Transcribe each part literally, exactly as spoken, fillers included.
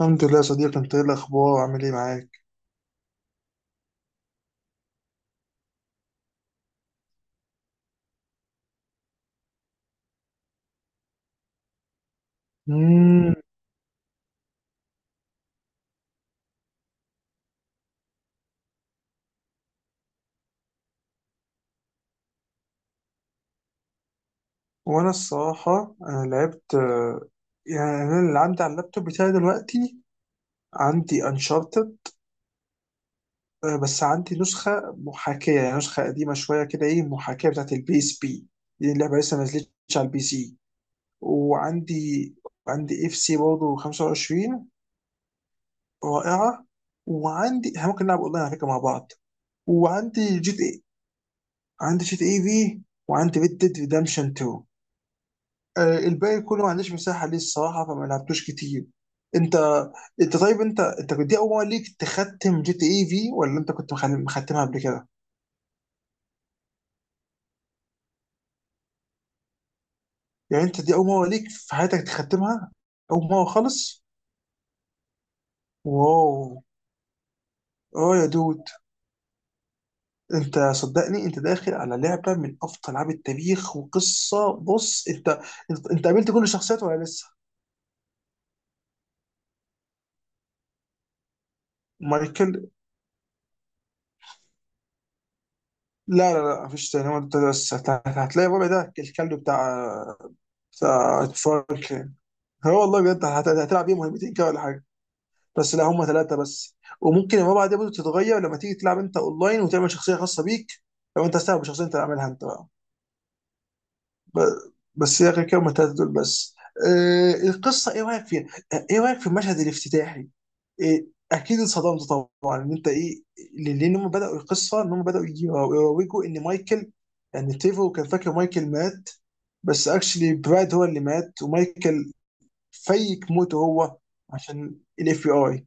الحمد لله يا صديقي، انت ايه الاخبار وعامل ايه معاك؟ مم. وانا الصراحه انا لعبت آه، يعني انا اللي عندي على اللابتوب بتاعي دلوقتي عندي انشارتد، بس عندي نسخه محاكيه، يعني نسخه قديمه شويه كده، ايه، محاكيه بتاعت البيس بي. دي اللعبه لسه ما نزلتش على البي سي. وعندي، عندي اف سي برضه خمسة وعشرين، رائعه. وعندي، احنا ممكن نلعب اونلاين على فكره مع بعض. وعندي جي تي اي، عندي جي تي اي في، وعندي ريد ديد ريدمشن اتنين. آه، الباقي كله ما عنديش مساحه ليه الصراحه، فما لعبتوش كتير. انت انت طيب، انت انت دي اول مره ليك تختم جي تي اي في، ولا انت كنت مخل- مختمها قبل كده؟ يعني انت دي اول مره ليك في حياتك تختمها؟ اول مره خالص؟ واو. اه يا دود، انت صدقني، انت داخل على لعبه من افضل العاب التاريخ وقصه. بص انت، انت, انت قابلت كل الشخصيات ولا لسه؟ مايكل. لا لا لا، مفيش تاني. هو انت بس هت- هتلاقي الربع ده، الكلب بتاع بتاع فرانك. اه والله بجد، هت- هتلعب بيه مهمتين كده ولا حاجه. بس لا، هم ثلاثه بس. وممكن المبادئ دي برضه تتغير لما تيجي تلعب انت اونلاين وتعمل شخصيه خاصه بيك، لو انت استعمل بشخصيه انت تعملها انت بقى. ب- بس يا اخي كده، هم الثلاثه دول بس. آه، القصه ايه رايك فيها؟ آه، ايه رايك في المشهد الافتتاحي؟ إيه، اكيد اتصدمت. طبعا ان انت ايه، ل- لان هم بداوا القصه ان هم بداوا يجيبوا- يروجوا ان مايكل، يعني تيفو كان فاكر مايكل مات، بس اكشلي براد هو اللي مات ومايكل فيك موته هو، عشان الاف بي اي.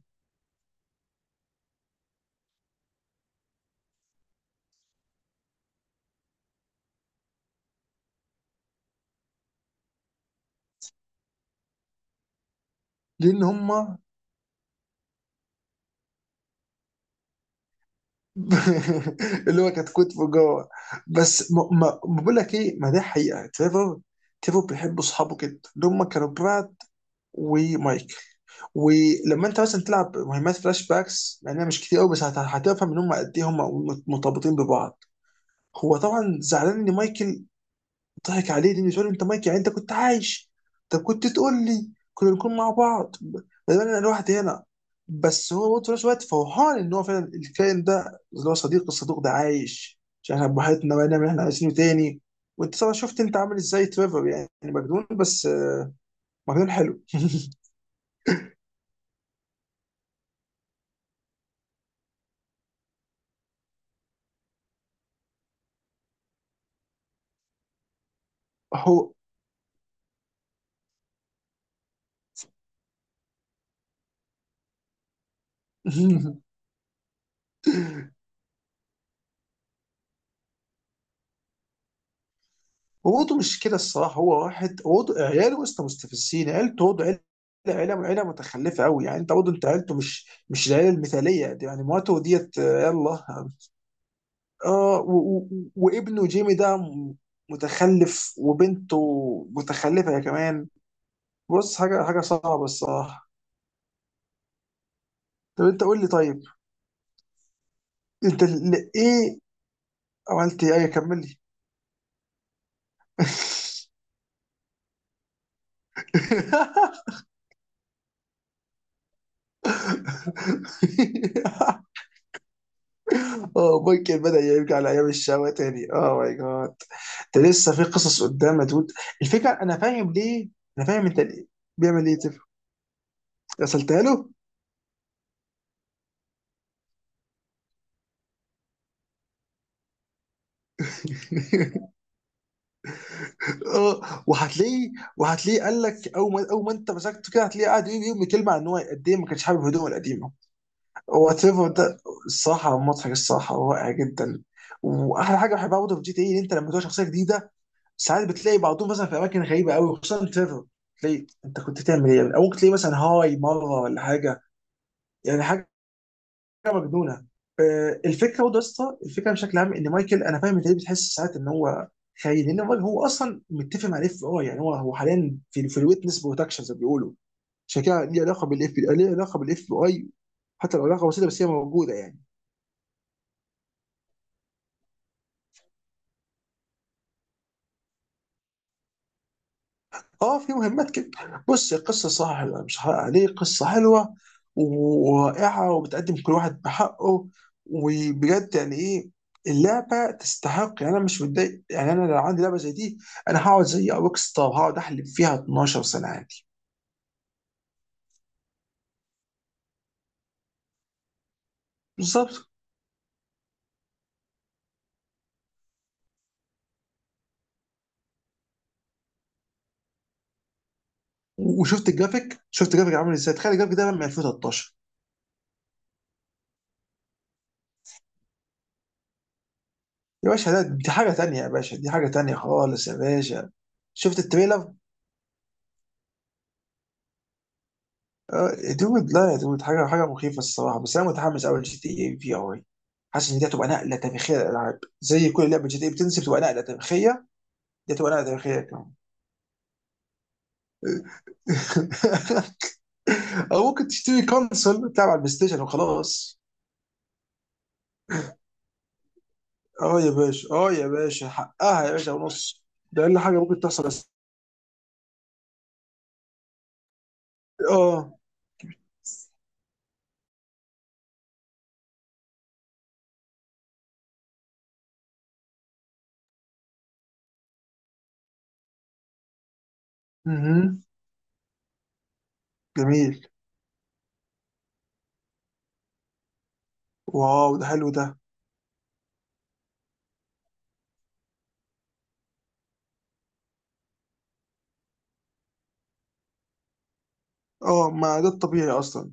لان هما اللي هو كانت كتبه جوه. بس ما, ما ما بقول لك ايه، ما ده حقيقه، تريفر، تريفر بيحب اصحابه جدا، اللي هما كانوا براد ومايكل. ولما انت مثلا تلعب مهمات فلاش باكس، لانها مش كتير قوي، بس هت- هتفهم ان هم قد ايه هم مرتبطين ببعض. هو طبعا زعلان ان مايكل ضحك عليه، لانه سؤال انت مايك، يعني انت كنت عايش، طب كنت تقول لي، كنا نكون مع بعض بدل انا لوحدي هنا. بس هو برضه في نفس الوقت فرحان ان هو فعلا الكائن ده اللي هو صديق الصدوق ده عايش، عشان احنا بوحدنا ونعمل اللي احنا عايزينه تاني. وانت طبعا شفت انت عامل ازاي تريفر، يعني مجنون بس مجنون حلو. هو وضو مش كده الصراحه، هو واحد وضو عياله وسط مستفزين، عيلته وضو عيله، عيله عيله متخلفه قوي، يعني انت وضو انت عيلته مش، مش العيله المثاليه دي، يعني مراته ديت آه، يلا. اه و- و- وابنه جيمي ده م- متخلف، وبنته متخلفه يا كمان. بص، حاجه، حاجه صعبه الصراحه. طب انت قول لي طيب، انت ل- ايه عملت؟ ايه؟ أيوة، كمل لي. اه، مايكل بدأ يرجع لأيام الشقاوة تاني، اه ماي جاد. ده لسه في قصص قدام يا دود. الفكرة أنا فاهم ليه، أنا فاهم أنت ليه بيعمل إيه تف. غسلتها له؟ اه وهتلاقيه، وهتلاقيه قال لك أول ما، أول ما أنت مسكته كده، هتلاقيه قاعد يقول يوم كلمة عن إن هو قد إيه ما كانش حابب هدومه القديمة، وات ايفر ده. الصراحة مضحك، الصراحة رائع جدا. وأحلى حاجة بحبها برضه في جي تي إيه إن أنت لما تبقى شخصية جديدة، ساعات بتلاقي بعضهم مثلا في اماكن غريبه قوي، خصوصا تريفر، تلاقي انت كنت تعمل ايه، او ممكن تلاقي مثلا هاي مره ولا حاجه، يعني حاجه مجنونه. آه، الفكره برضه يا اسطى، الفكره بشكل عام ان مايكل، انا فاهم انت ليه بتحس ساعات ان هو خاين، لان هو هو اصلا متفق مع الاف بي اي، يعني هو هو حاليا في في الويتنس بروتكشن زي ما بيقولوا. عشان كده ليه علاقه بالاف بي اي، ليه علاقه بالاف بي اي، حتى لو علاقه بسيطه بس هي موجوده يعني. اه في مهمات كده. بص، قصة صح، لا مش هحرق عليه، قصة حلوة ورائعة وبتقدم كل واحد بحقه. وبجد يعني ايه، اللعبة تستحق، يعني انا مش متضايق، يعني انا لو عندي لعبة زي دي، انا هقعد زي روك ستار، هقعد احلب فيها اثنا عشر سنة عادي. بالظبط. وشفت الجرافيك، شفت الجرافيك عامل ازاي؟ تخيل الجرافيك ده من الفين وثلاتاشر. يا باشا ده دي حاجة تانية، يا باشا دي حاجة تانية خالص يا باشا. شفت التريلر؟ آه، يا دود لا يا دود، حاجه، حاجه مخيفه الصراحه. بس انا متحمس قوي جي تي اي في ار، حاسس ان دي هتبقى نقله تاريخيه للالعاب، زي كل لعبه جي تي اي بتنزل بتبقى نقله تاريخيه. دي هتبقى نقله تاريخيه كمان. او ممكن تشتري كونسول تلعب على البلاي ستيشن وخلاص. اه يا باشا، اه يا باشا، حقها يا باشا ونص. ده اقل حاجه ممكن تحصل بس. اه. مهم. جميل. واو، ده حلو ده. اه، ما ده الطبيعي اصلا.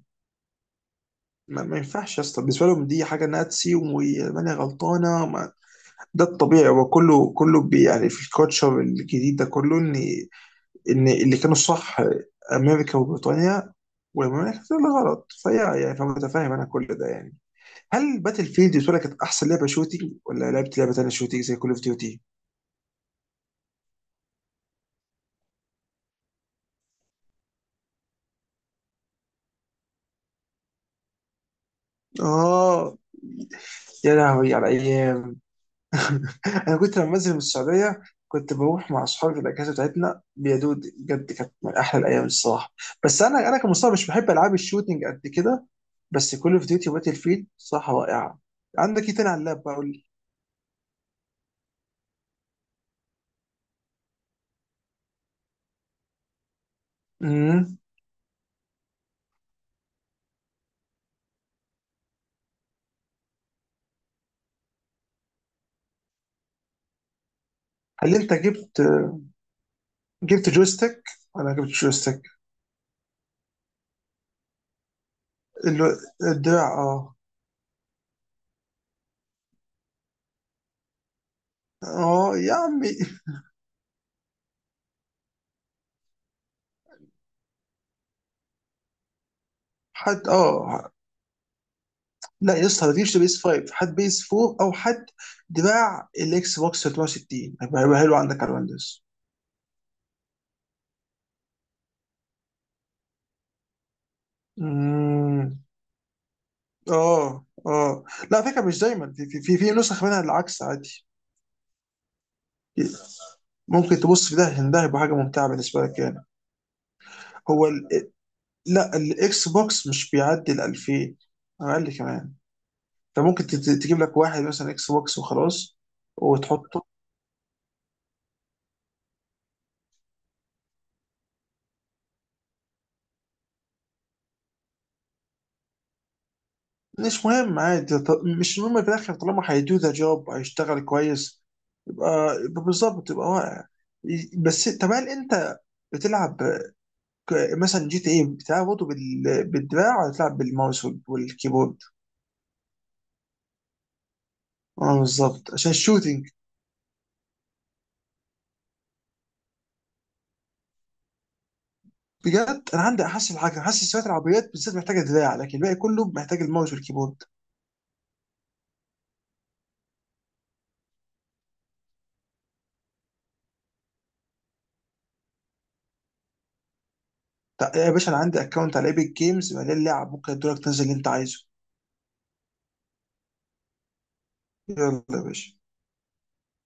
ما, ما ينفعش يا اسطى، بالنسبه لهم دي حاجه ناتسي وماني غلطانه. ده الطبيعي، هو كله كله بي، يعني في الكوتشر الجديد ده كله ان، ان اللي كانوا صح امريكا وبريطانيا والمملكه، كانت اللي غلط، فهي يعني، فمتفاهم انا كل ده يعني. هل باتل فيلد بالنسبه لك كانت احسن لعبه شوتينج، ولا لعبت لعبه تانيه شوتينج زي كول اوف ديوتي؟ اه يا لهوي على ايام. انا كنت لما بنزل من السعوديه كنت بروح مع اصحابي في الاجازه بتاعتنا، يا دود بجد كانت من احلى الايام الصراحه. بس انا، انا كمصاب مش بحب العاب الشوتينج قد كده، بس كول اوف ديوتي وباتل فيلد صراحه رائعه. عندك ايه تاني على اللاب بقول لي؟ أمم. هل انت جبت، جبت جويستيك، ولا جبت جويستيك؟ ال- الدراع اه. اه يا عمي. حد اه، لا يا اسطى ما تجيبش بيس خمسة، حد بيس اربعة او حد، دراع الاكس بوكس ثلاثمية وستين هيبقى، هيبقى حلو عندك على الويندوز. امم، اه اه، لا على فكره مش دايما، في في في في نسخ منها العكس عادي. ممكن تبص في ده، عشان ده هيبقى حاجه ممتعه بالنسبه لك يعني. هو ال... لا، الاكس بوكس مش بيعدي ال الفين، اقل كمان. انت ممكن تت- تجيب لك واحد مثلا اكس بوكس وخلاص وتحطه. مش مهم عادي، ط- مش مهم في الاخر طالما هيدو ذا جوب، هيشتغل كويس. يبقى، يبقى بالظبط، يبقى واقع. ي- بس طب، هل انت بتلعب، ك- مثلا جي تي ايه بتلعب برضه بال- بالدراع، ولا تلعب بالماوس وال- والكيبورد؟ اه بالظبط، عشان الشوتينج بجد انا عندي احسن حاجه، حاسس شويه العربيات بالذات محتاجه دراع، لكن الباقي كله محتاج الماوس والكيبورد. طيب يا باشا، انا عندي اكونت على ايبك جيمز مليان لعب، ممكن ادولك تنزل اللي انت عايزه. يلا يا باشا.